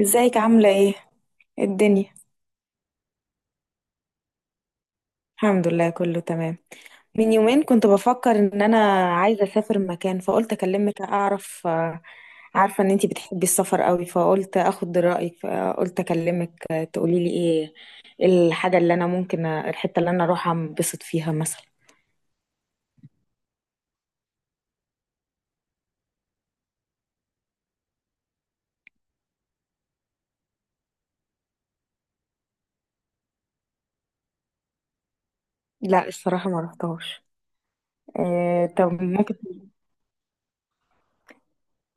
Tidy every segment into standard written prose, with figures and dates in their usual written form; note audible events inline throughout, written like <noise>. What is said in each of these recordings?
ازيك عاملة ايه؟ إيه الدنيا؟ الحمد لله، كله تمام. من يومين كنت بفكر ان انا عايزة اسافر مكان، فقلت اكلمك اعرف، عارفة ان انتي بتحبي السفر قوي، فقلت اخد رأيك، فقلت اكلمك تقوليلي ايه. إيه الحاجة اللي انا ممكن الحتة اللي انا اروحها انبسط فيها مثلا؟ لا الصراحة ما رحتهاش. إيه؟ طب ممكن.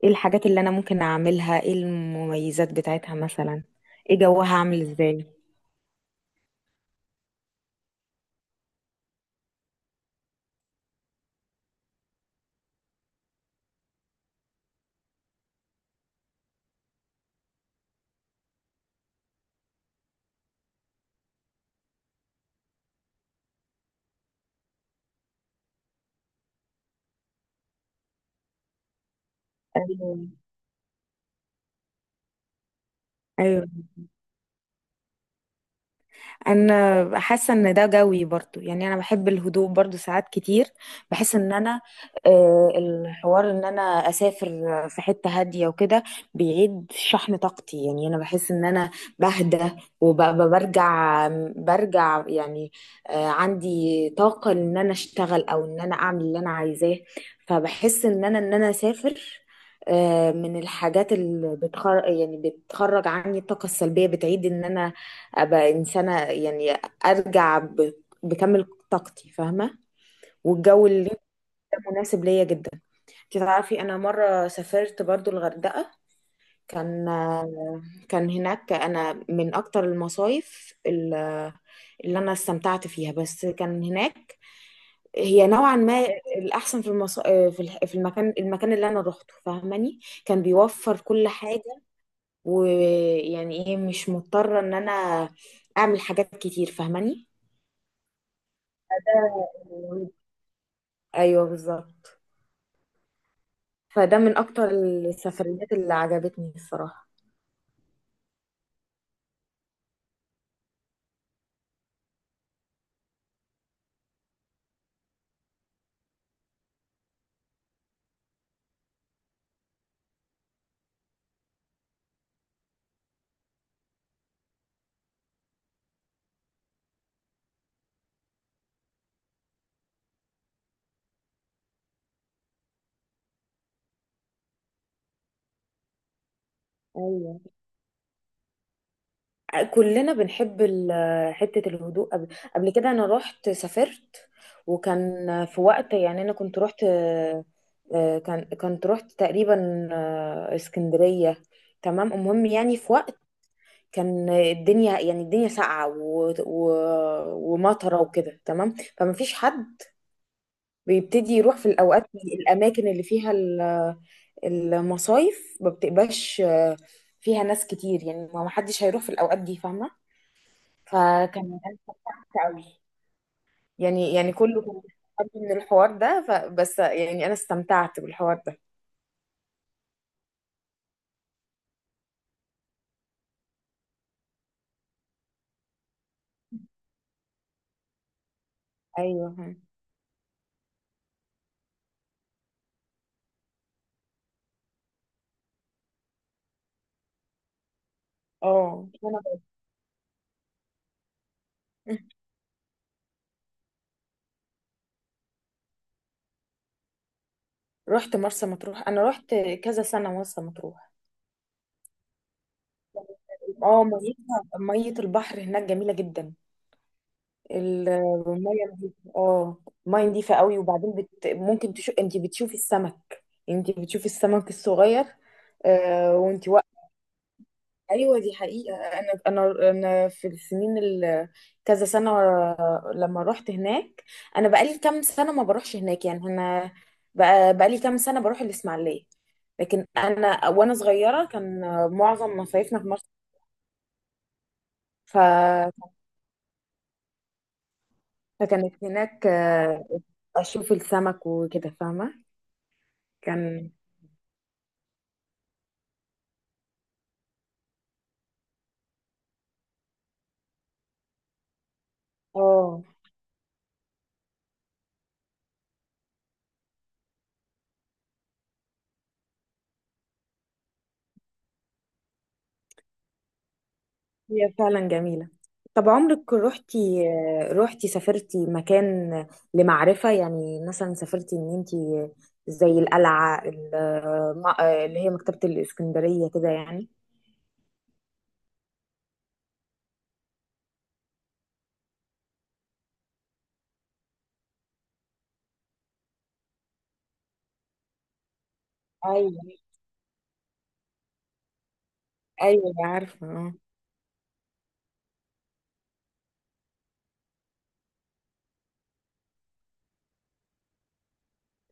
ايه الحاجات اللي انا ممكن اعملها؟ ايه المميزات بتاعتها مثلا؟ ايه جوها عامل ازاي؟ ايوه. انا حاسه ان ده جوي برضو، يعني انا بحب الهدوء برضو ساعات كتير. بحس ان انا الحوار ان انا اسافر في حته هاديه وكده بيعيد شحن طاقتي. يعني انا بحس ان انا بهدى وبرجع. برجع يعني عندي طاقه ان انا اشتغل او ان انا اعمل اللي انا عايزاه. فبحس ان انا اسافر من الحاجات اللي بتخرج، يعني بتخرج عني الطاقة السلبية، بتعيد ان انا ابقى انسانه، يعني ارجع بكامل طاقتي، فاهمه. والجو اللي ده مناسب ليا جدا. انت تعرفي انا مره سافرت برضو الغردقه. كان كان هناك انا من اكتر المصايف اللي انا استمتعت فيها، بس كان هناك هي نوعا ما الاحسن. في المص... في الح- في المكان المكان اللي انا روحته، فاهماني. كان بيوفر كل حاجه، ويعني ايه، مش مضطره ان انا اعمل حاجات كتير، فاهماني. ده- ايوه بالظبط. فده من اكتر السفريات اللي عجبتني الصراحه. ايوه. كلنا بنحب حته الهدوء. قبل كده انا رحت سافرت، وكان في وقت. يعني انا كنت رحت آه، كان كنت رحت تقريبا اسكندريه. تمام، المهم يعني في وقت كان الدنيا، يعني الدنيا ساقعه ومطره وكده، تمام. فما فيش حد بيبتدي يروح في الاوقات، الاماكن اللي فيها المصايف ما بتبقاش فيها ناس كتير. يعني ما حدش هيروح في الأوقات دي، فاهمة؟ فكان أنا استمتعت قوي. يعني كله كان بيستخبي من الحوار ده. فبس يعني أنا استمتعت بالحوار ده. أيوه. اه وأنا برضه. <laughs> رحت مرسى مطروح. أنا رحت كذا سنة مرسى مطروح. اه، ميتها مية البحر هناك جميلة جدا. الميه نضيفة، اه. الميه نضيفة قوي. وبعدين انت بتشوفي السمك الصغير وانت واقفة. ايوه دي حقيقة. انا في السنين كذا سنة لما رحت هناك، انا بقالي كام سنة ما بروحش هناك. يعني انا بقالي كام سنة بروح الاسماعيلية. لكن انا وانا صغيرة كان معظم مصايفنا في مصر. ف... فكانت هناك اشوف السمك وكده، فاهمة. كان. اه هي فعلا جميلة. طب عمرك روحتي؟ روحتي سافرتي مكان لمعرفة، يعني مثلا سافرتي ان انتي زي القلعة اللي هي مكتبة الإسكندرية كده يعني؟ ايوه، ايوه، عارفة اه.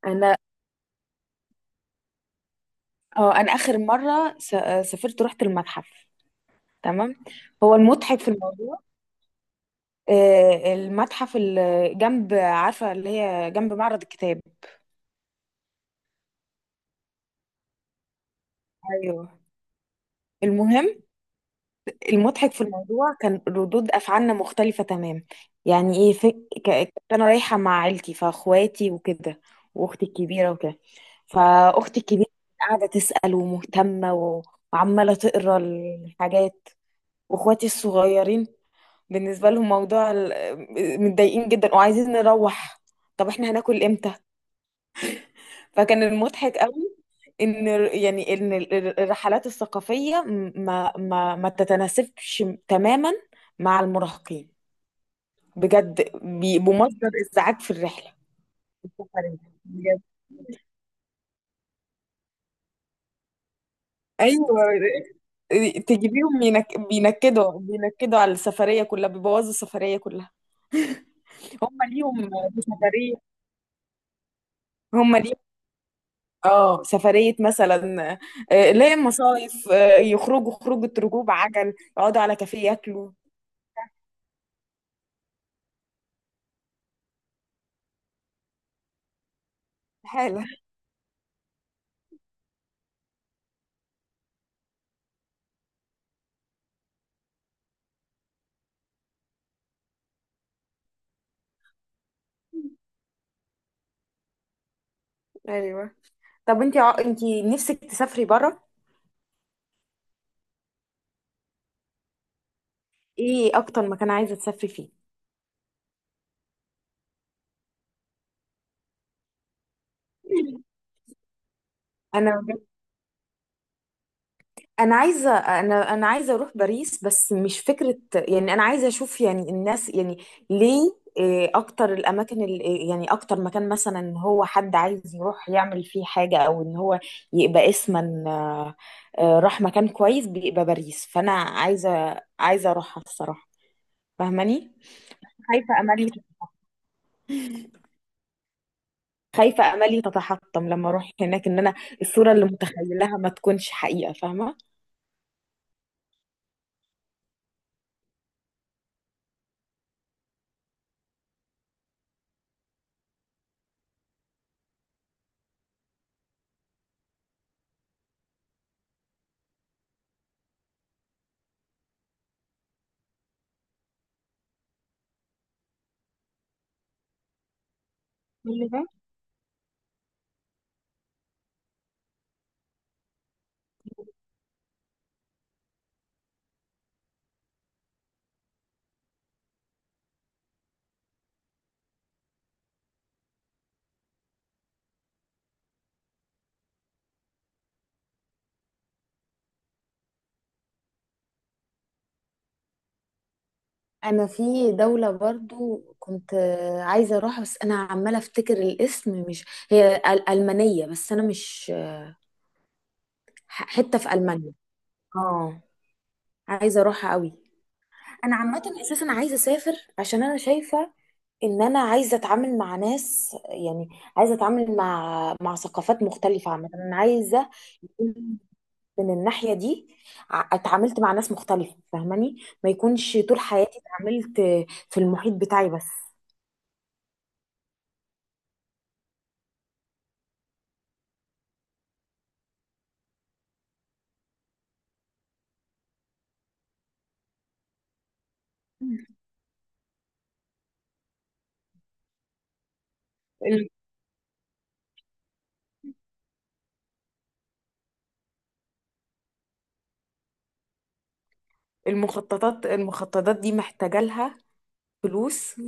انا اه انا اخر مره س- سافرت رحت المتحف، تمام. هو المضحك في الموضوع المتحف اللي جنب، عارفه، اللي هي جنب معرض الكتاب. ايوه. المهم، المضحك في الموضوع كان ردود افعالنا مختلفه تمام. يعني ايه كنت انا رايحه مع عيلتي، فاخواتي وكده، واختي الكبيره وكده. فاختي الكبيره قاعده تسال ومهتمه وعماله تقرا الحاجات. واخواتي الصغيرين بالنسبه لهم موضوع متضايقين جدا وعايزين نروح. طب احنا هناكل امتى؟ فكان المضحك قوي ان يعني ان الرحلات الثقافيه ما تتناسبش تماما مع المراهقين. بجد بيبقوا مصدر ازعاج في الرحله. <laughs> السفرية. بجد. ايوه تجيبيهم بينكدوا على السفريه كلها، بيبوظوا السفريه كلها. هم ليهم سفريه. هم ليهم اه سفريه مثلا، ليه مصايف، يخرجوا خروجه، ركوب عجل، يقعدوا على كافيه ياكلوا. حلو. ايوه. طب انت انت نفسك تسافري بره؟ ايه اكتر مكان عايزه تسافري فيه؟ انا بجد- انا عايزه، انا عايزه اروح باريس. بس مش فكره، يعني انا عايزه اشوف يعني الناس يعني. ليه، اكتر الاماكن ال- إيه، يعني اكتر مكان مثلا ان هو حد عايز يروح يعمل فيه حاجه، او ان هو يبقى اسما راح مكان كويس بيبقى باريس. فانا عايزه اروحها الصراحه، فاهماني. خايفه امل. <laughs> خايفة أملي تتحطم لما أروح هناك إن أنا الصورة اللي متخيلها ما تكونش حقيقة، فاهمة؟ اللي ده. انا في دولة برضو كنت عايزة اروحها. بس انا عمالة افتكر الاسم، مش هي المانية. بس انا مش حتة في المانيا. اه، عايزة اروحها قوي. انا عامة اساسا عايزة اسافر عشان انا شايفة ان انا عايزة اتعامل مع ناس. يعني عايزة اتعامل مع ثقافات مختلفة. عامة انا عايزة من الناحية دي اتعاملت مع ناس مختلفة، فاهماني، ما يكونش طول حياتي اتعاملت في المحيط بتاعي بس. ال- المخططات، دي محتاجة لها فلوس. <laughs>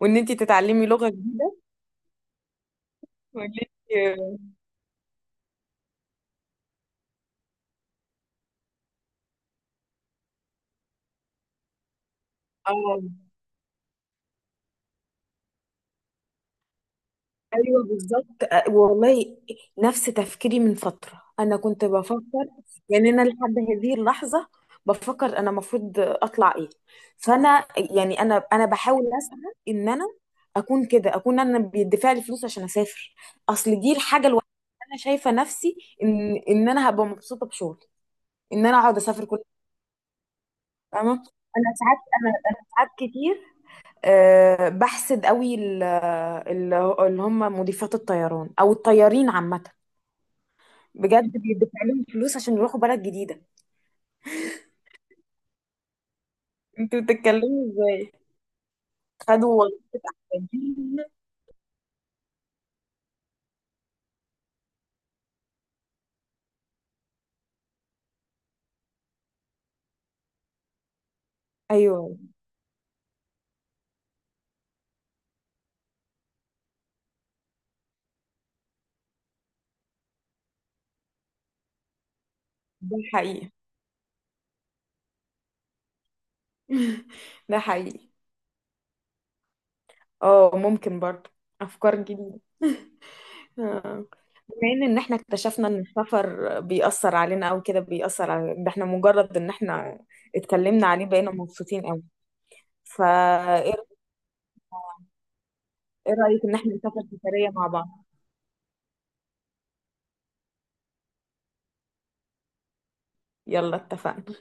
وان انت تتعلمي لغة جديدة. وان انت اه، ايوه بالظبط، والله نفس تفكيري. من فتره انا كنت بفكر، يعني انا لحد هذه اللحظه بفكر انا المفروض اطلع ايه. فانا يعني انا بحاول اسعى ان انا اكون كده، اكون انا بيدفع لي فلوس عشان اسافر. اصل دي الحاجه الوحيده. انا شايفه نفسي ان انا هبقى مبسوطه بشغلي، ان انا اقعد اسافر كل، فاهمه. انا ساعات، انا ساعات كتير بحسد قوي اللي هم مضيفات الطيران او الطيارين عامه. بجد بيدفع لهم فلوس عشان يروحوا بلد جديده. انتوا بتتكلموا ازاي؟ خدوا وظيفتين. ايوه ده حقيقي. <laughs> ده حقيقي. اه ممكن برضه افكار جديده. آه. بما ان احنا اكتشفنا ان السفر بيأثر علينا او كده، بيأثر على ده. احنا مجرد ان احنا اتكلمنا عليه بقينا مبسوطين قوي. فايه، إيه؟ إيه رأيك ان احنا نسافر سفرية مع بعض؟ يلا اتفقنا.